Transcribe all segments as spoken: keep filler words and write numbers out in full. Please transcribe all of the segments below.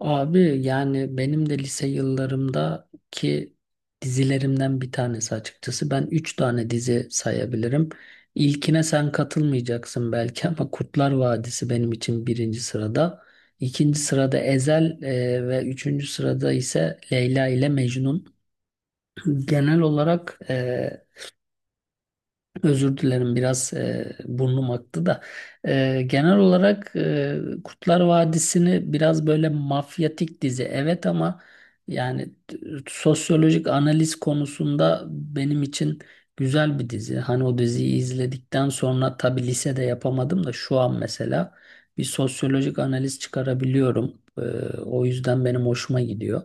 Abi yani benim de lise yıllarımdaki dizilerimden bir tanesi açıkçası. Ben üç tane dizi sayabilirim. İlkine sen katılmayacaksın belki ama Kurtlar Vadisi benim için birinci sırada. İkinci sırada Ezel e, ve üçüncü sırada ise Leyla ile Mecnun. Genel olarak e, Özür dilerim biraz e, burnum aktı da. E, genel olarak e, Kurtlar Vadisi'ni biraz böyle mafyatik dizi evet ama yani t- sosyolojik analiz konusunda benim için güzel bir dizi. Hani o diziyi izledikten sonra tabii lisede yapamadım da şu an mesela bir sosyolojik analiz çıkarabiliyorum. E, o yüzden benim hoşuma gidiyor.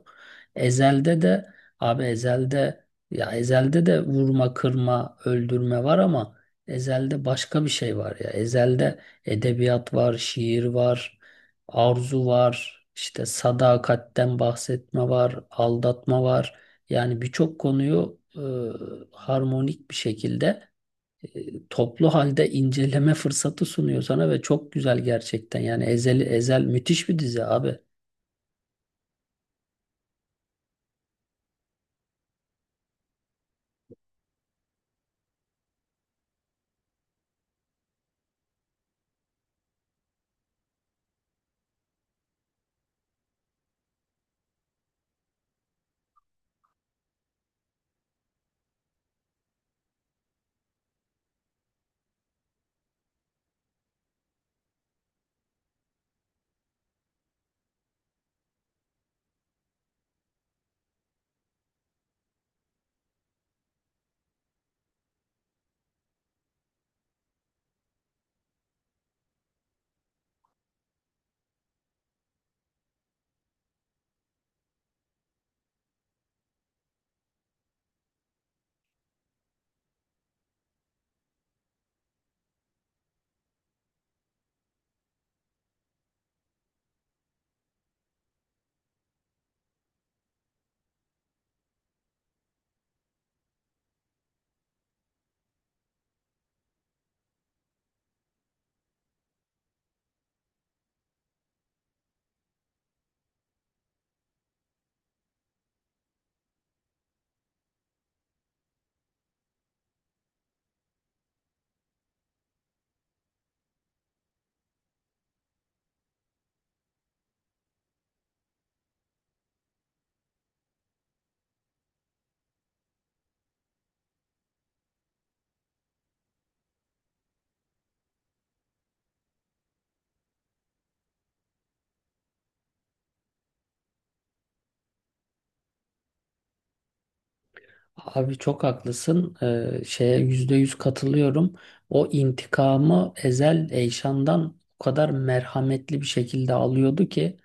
Ezel'de de abi Ezel'de, ya Ezel'de de vurma, kırma, öldürme var ama Ezel'de başka bir şey var ya. Ezel'de edebiyat var, şiir var, arzu var, işte sadakatten bahsetme var, aldatma var. Yani birçok konuyu e, harmonik bir şekilde, e, toplu halde inceleme fırsatı sunuyor sana ve çok güzel gerçekten. Yani Ezel, Ezel müthiş bir dizi abi. Abi çok haklısın. Ee, şeye yüzde yüz katılıyorum. O intikamı Ezel Eyşan'dan o kadar merhametli bir şekilde alıyordu ki,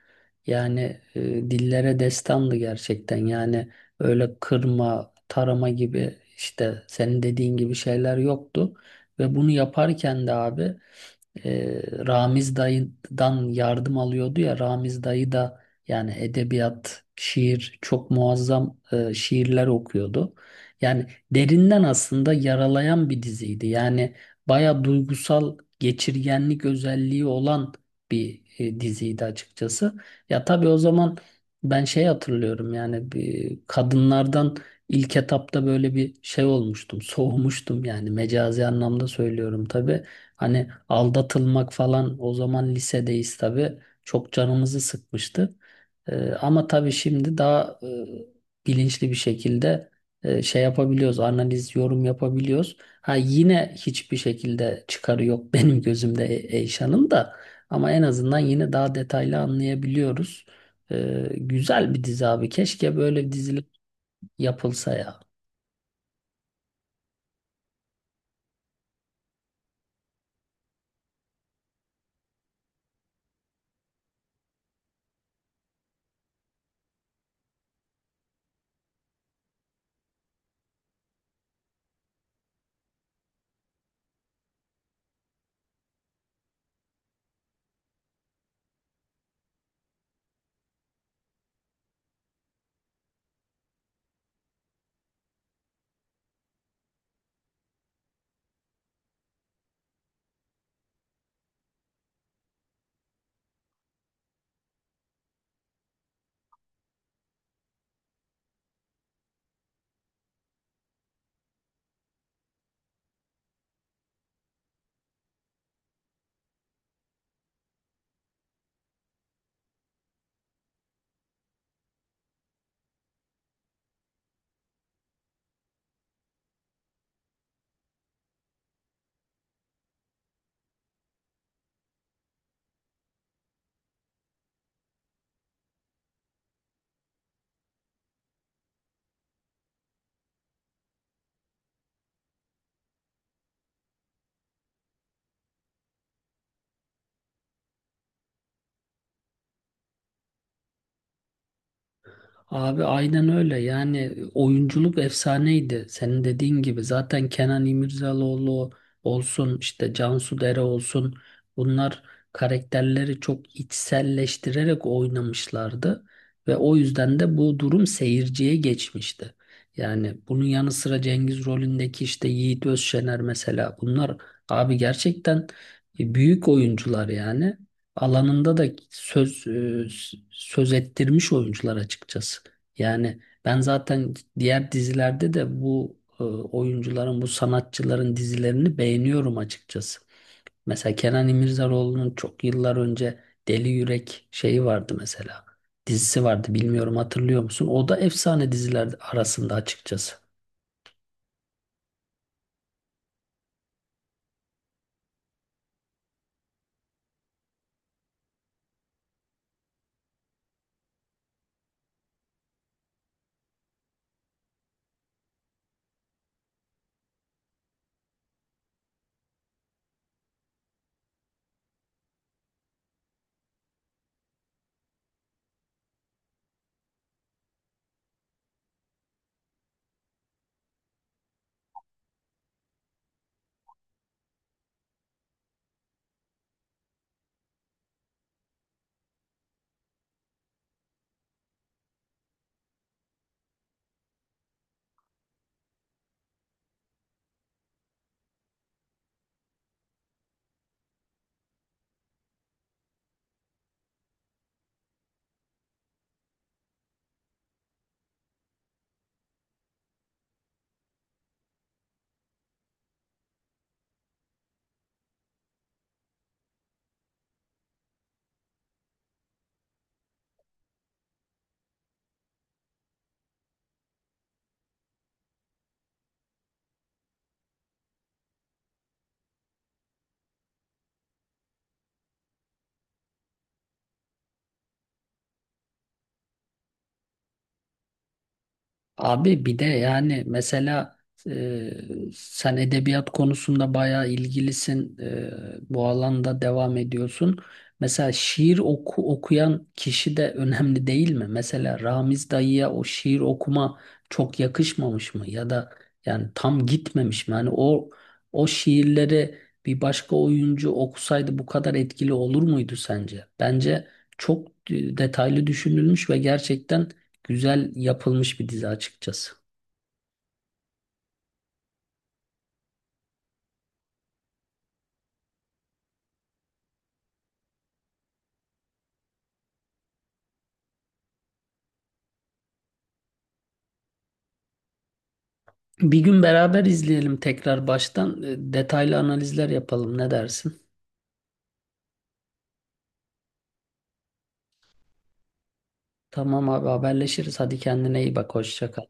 yani, e, dillere destandı gerçekten. Yani öyle kırma, tarama gibi işte senin dediğin gibi şeyler yoktu. Ve bunu yaparken de abi e, Ramiz dayıdan yardım alıyordu, ya Ramiz dayı da yani edebiyat, şiir çok muazzam, e, şiirler okuyordu. Yani derinden aslında yaralayan bir diziydi. Yani baya duygusal geçirgenlik özelliği olan bir e, diziydi açıkçası. Ya tabii o zaman ben şey hatırlıyorum, yani bir kadınlardan ilk etapta böyle bir şey olmuştum, soğumuştum, yani mecazi anlamda söylüyorum tabii. Hani aldatılmak falan, o zaman lisedeyiz tabii. Çok canımızı sıkmıştı. Ee, ama tabii şimdi daha e, bilinçli bir şekilde e, şey yapabiliyoruz. Analiz, yorum yapabiliyoruz. Ha yine hiçbir şekilde çıkarı yok benim gözümde E- Eyşan'ın da. Ama en azından yine daha detaylı anlayabiliyoruz. Ee, güzel bir dizi abi. Keşke böyle bir dizilik yapılsa ya. Abi aynen öyle, yani oyunculuk efsaneydi senin dediğin gibi. Zaten Kenan İmirzalıoğlu olsun, işte Cansu Dere olsun, bunlar karakterleri çok içselleştirerek oynamışlardı ve o yüzden de bu durum seyirciye geçmişti. Yani bunun yanı sıra Cengiz rolündeki işte Yiğit Özşener, mesela bunlar abi gerçekten e, büyük oyuncular, yani alanında da söz e, s- söz ettirmiş oyuncular açıkçası. Yani ben zaten diğer dizilerde de bu e, oyuncuların, bu sanatçıların dizilerini beğeniyorum açıkçası. Mesela Kenan İmirzalıoğlu'nun çok yıllar önce Deli Yürek şeyi vardı mesela. Dizisi vardı, bilmiyorum hatırlıyor musun? O da efsane diziler arasında açıkçası. Abi bir de yani mesela, e, sen edebiyat konusunda bayağı ilgilisin. E, bu alanda devam ediyorsun. Mesela şiir oku, okuyan kişi de önemli değil mi? Mesela Ramiz dayıya o şiir okuma çok yakışmamış mı? Ya da yani tam gitmemiş mi? Yani o o şiirleri bir başka oyuncu okusaydı bu kadar etkili olur muydu sence? Bence çok e, detaylı düşünülmüş ve gerçekten güzel yapılmış bir dizi açıkçası. Bir gün beraber izleyelim tekrar baştan. E, detaylı analizler yapalım. Ne dersin? Tamam abi, haberleşiriz. Hadi kendine iyi bak. Hoşça kal.